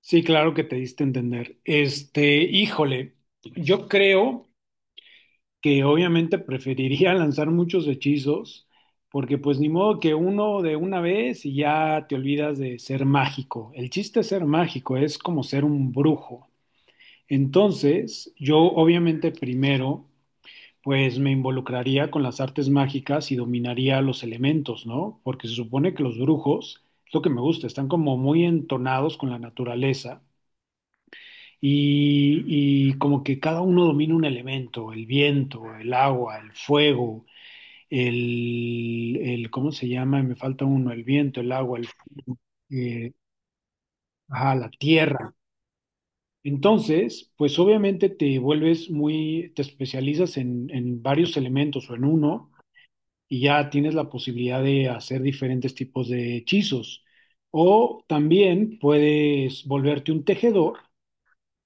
Sí, claro que te diste a entender. Híjole, yo creo que obviamente preferiría lanzar muchos hechizos, porque pues ni modo que uno de una vez y ya te olvidas de ser mágico. El chiste es ser mágico, es como ser un brujo. Entonces, yo obviamente primero, pues me involucraría con las artes mágicas y dominaría los elementos, ¿no? Porque se supone que los brujos, es lo que me gusta, están como muy entonados con la naturaleza. Y como que cada uno domina un elemento, el viento, el agua, el fuego, el ¿cómo se llama? Me falta uno, el viento, el agua, eh, ajá, la tierra. Entonces, pues obviamente te vuelves muy, te especializas en varios elementos o en uno y ya tienes la posibilidad de hacer diferentes tipos de hechizos. O también puedes volverte un tejedor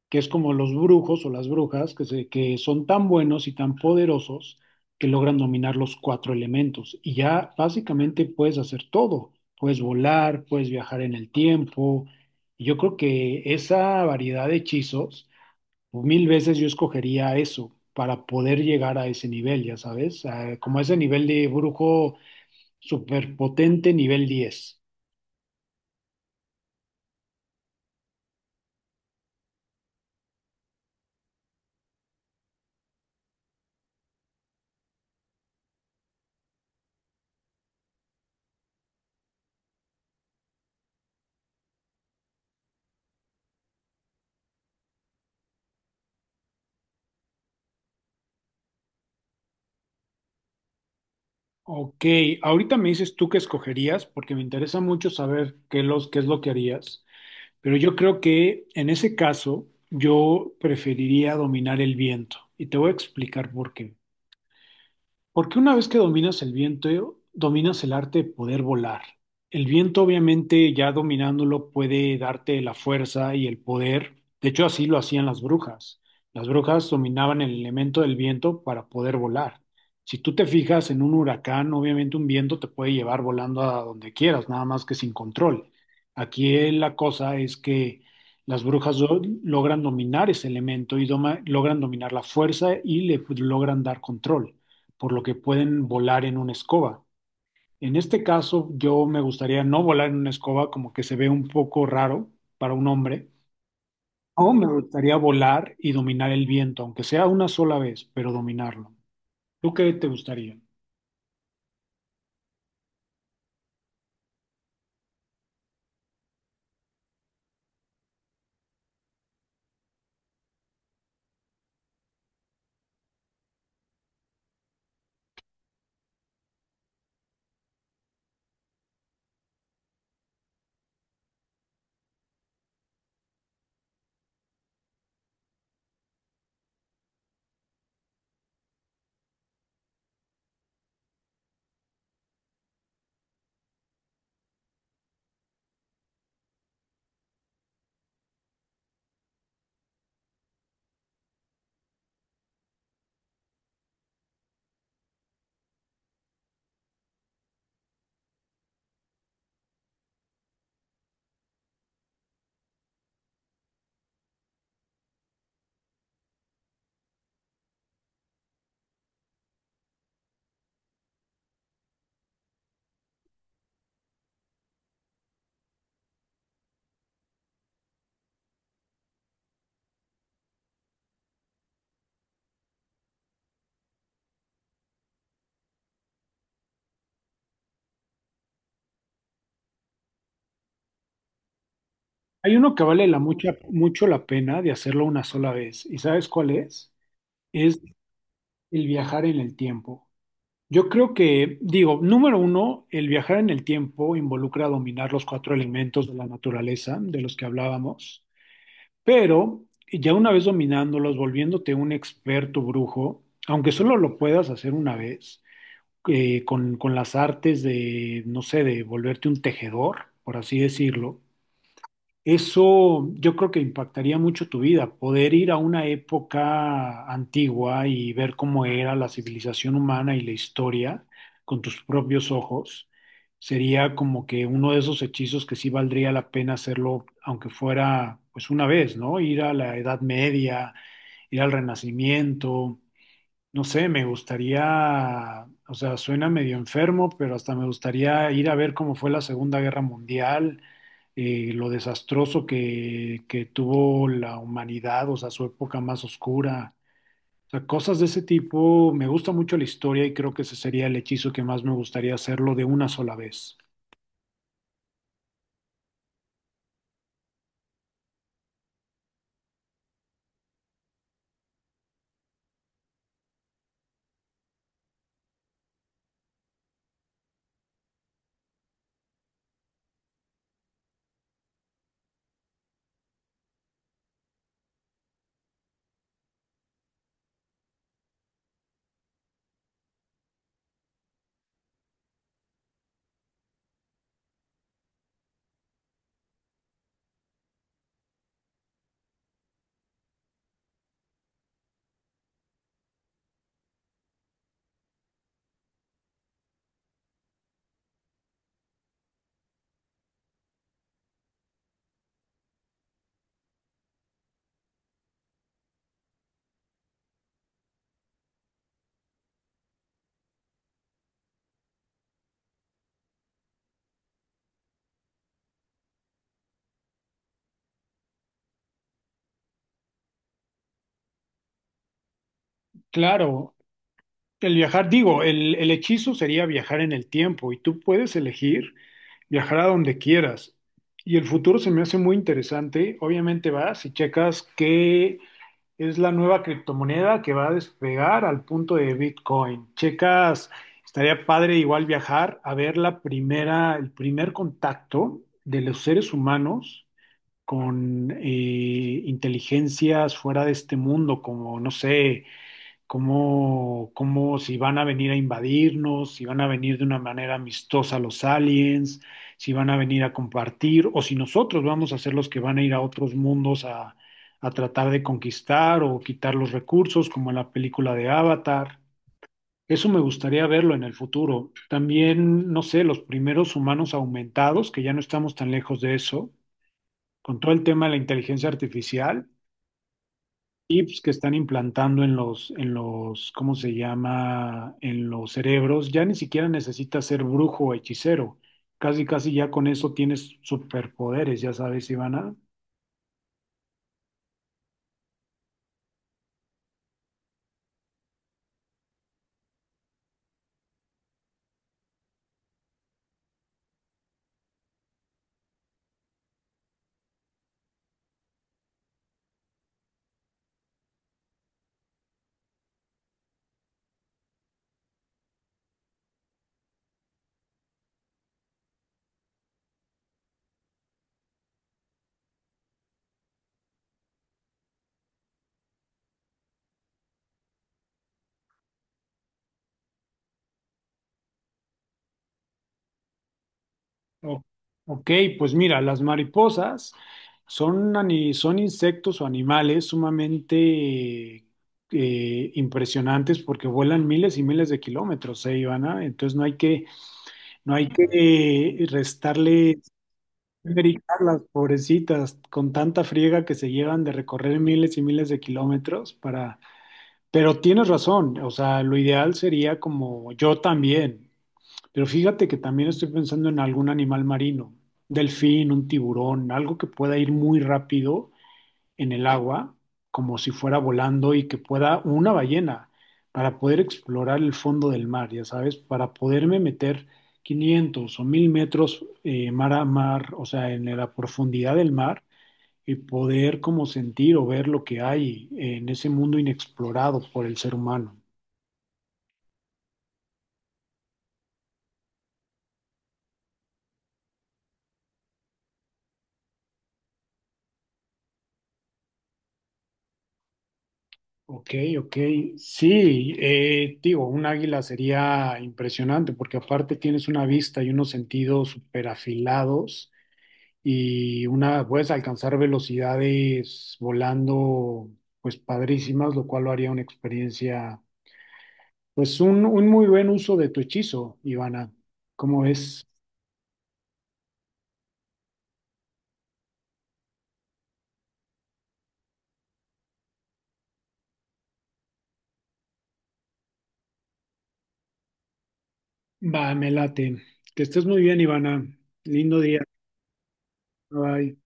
que es como los brujos o las brujas, que son tan buenos y tan poderosos que logran dominar los cuatro elementos. Y ya básicamente puedes hacer todo. Puedes volar, puedes viajar en el tiempo. Y yo creo que esa variedad de hechizos, mil veces yo escogería eso para poder llegar a ese nivel, ya sabes, como ese nivel de brujo superpotente, nivel 10. Ok, ahorita me dices tú qué escogerías, porque me interesa mucho saber qué es lo que harías. Pero yo creo que en ese caso yo preferiría dominar el viento y te voy a explicar por qué. Porque una vez que dominas el viento, dominas el arte de poder volar. El viento, obviamente, ya dominándolo, puede darte la fuerza y el poder. De hecho, así lo hacían las brujas. Las brujas dominaban el elemento del viento para poder volar. Si tú te fijas en un huracán, obviamente un viento te puede llevar volando a donde quieras, nada más que sin control. Aquí la cosa es que las brujas logran dominar ese elemento y logran dominar la fuerza y le logran dar control por lo que pueden volar en una escoba. En este caso, yo me gustaría no volar en una escoba, como que se ve un poco raro para un hombre, o me gustaría volar y dominar el viento, aunque sea una sola vez, pero dominarlo. ¿Tú qué te gustaría? Hay uno que vale mucho la pena de hacerlo una sola vez. ¿Y sabes cuál es? Es el viajar en el tiempo. Yo creo que, digo, número uno, el viajar en el tiempo involucra dominar los cuatro elementos de la naturaleza de los que hablábamos. Pero ya una vez dominándolos, volviéndote un experto brujo, aunque solo lo puedas hacer una vez, con las artes de, no sé, de volverte un tejedor, por así decirlo, eso yo creo que impactaría mucho tu vida, poder ir a una época antigua y ver cómo era la civilización humana y la historia con tus propios ojos. Sería como que uno de esos hechizos que sí valdría la pena hacerlo, aunque fuera pues una vez, ¿no? Ir a la Edad Media, ir al Renacimiento. No sé, me gustaría, o sea, suena medio enfermo, pero hasta me gustaría ir a ver cómo fue la Segunda Guerra Mundial, lo desastroso que tuvo la humanidad, o sea, su época más oscura. O sea, cosas de ese tipo. Me gusta mucho la historia y creo que ese sería el hechizo que más me gustaría hacerlo de una sola vez. Claro, el viajar, digo, el hechizo sería viajar en el tiempo y tú puedes elegir viajar a donde quieras. Y el futuro se me hace muy interesante. Obviamente vas y checas qué es la nueva criptomoneda que va a despegar al punto de Bitcoin. Checas, estaría padre igual viajar a ver la primera, el primer contacto de los seres humanos con inteligencias fuera de este mundo, como, no sé cómo si van a venir a invadirnos, si van a venir de una manera amistosa los aliens, si van a venir a compartir, o si nosotros vamos a ser los que van a ir a otros mundos a tratar de conquistar o quitar los recursos, como en la película de Avatar. Eso me gustaría verlo en el futuro. También, no sé, los primeros humanos aumentados, que ya no estamos tan lejos de eso, con todo el tema de la inteligencia artificial chips que están implantando en los, ¿cómo se llama? En los cerebros, ya ni siquiera necesitas ser brujo o hechicero. Casi, casi ya con eso tienes superpoderes, ya sabes, Ivana. O- ok, pues mira, las mariposas son, son insectos o animales sumamente impresionantes porque vuelan miles y miles de kilómetros, ¿eh, Ivana? Entonces no hay que restarle. Ver y las pobrecitas, con tanta friega que se llevan de recorrer miles y miles de kilómetros para. Pero tienes razón, o sea, lo ideal sería como yo también, pero fíjate que también estoy pensando en algún animal marino, delfín, un tiburón, algo que pueda ir muy rápido en el agua, como si fuera volando y que pueda una ballena, para poder explorar el fondo del mar, ya sabes, para poderme meter 500 o 1000 metros mar a mar, o sea, en la profundidad del mar y poder como sentir o ver lo que hay en ese mundo inexplorado por el ser humano. Ok, ok. Sí, digo, un águila sería impresionante porque aparte tienes una vista y unos sentidos súper afilados y una, puedes alcanzar velocidades volando, pues padrísimas, lo cual lo haría una experiencia, pues un muy buen uso de tu hechizo, Ivana. ¿Cómo ves? Va, me late. Que estés muy bien, Ivana. Lindo día. Bye.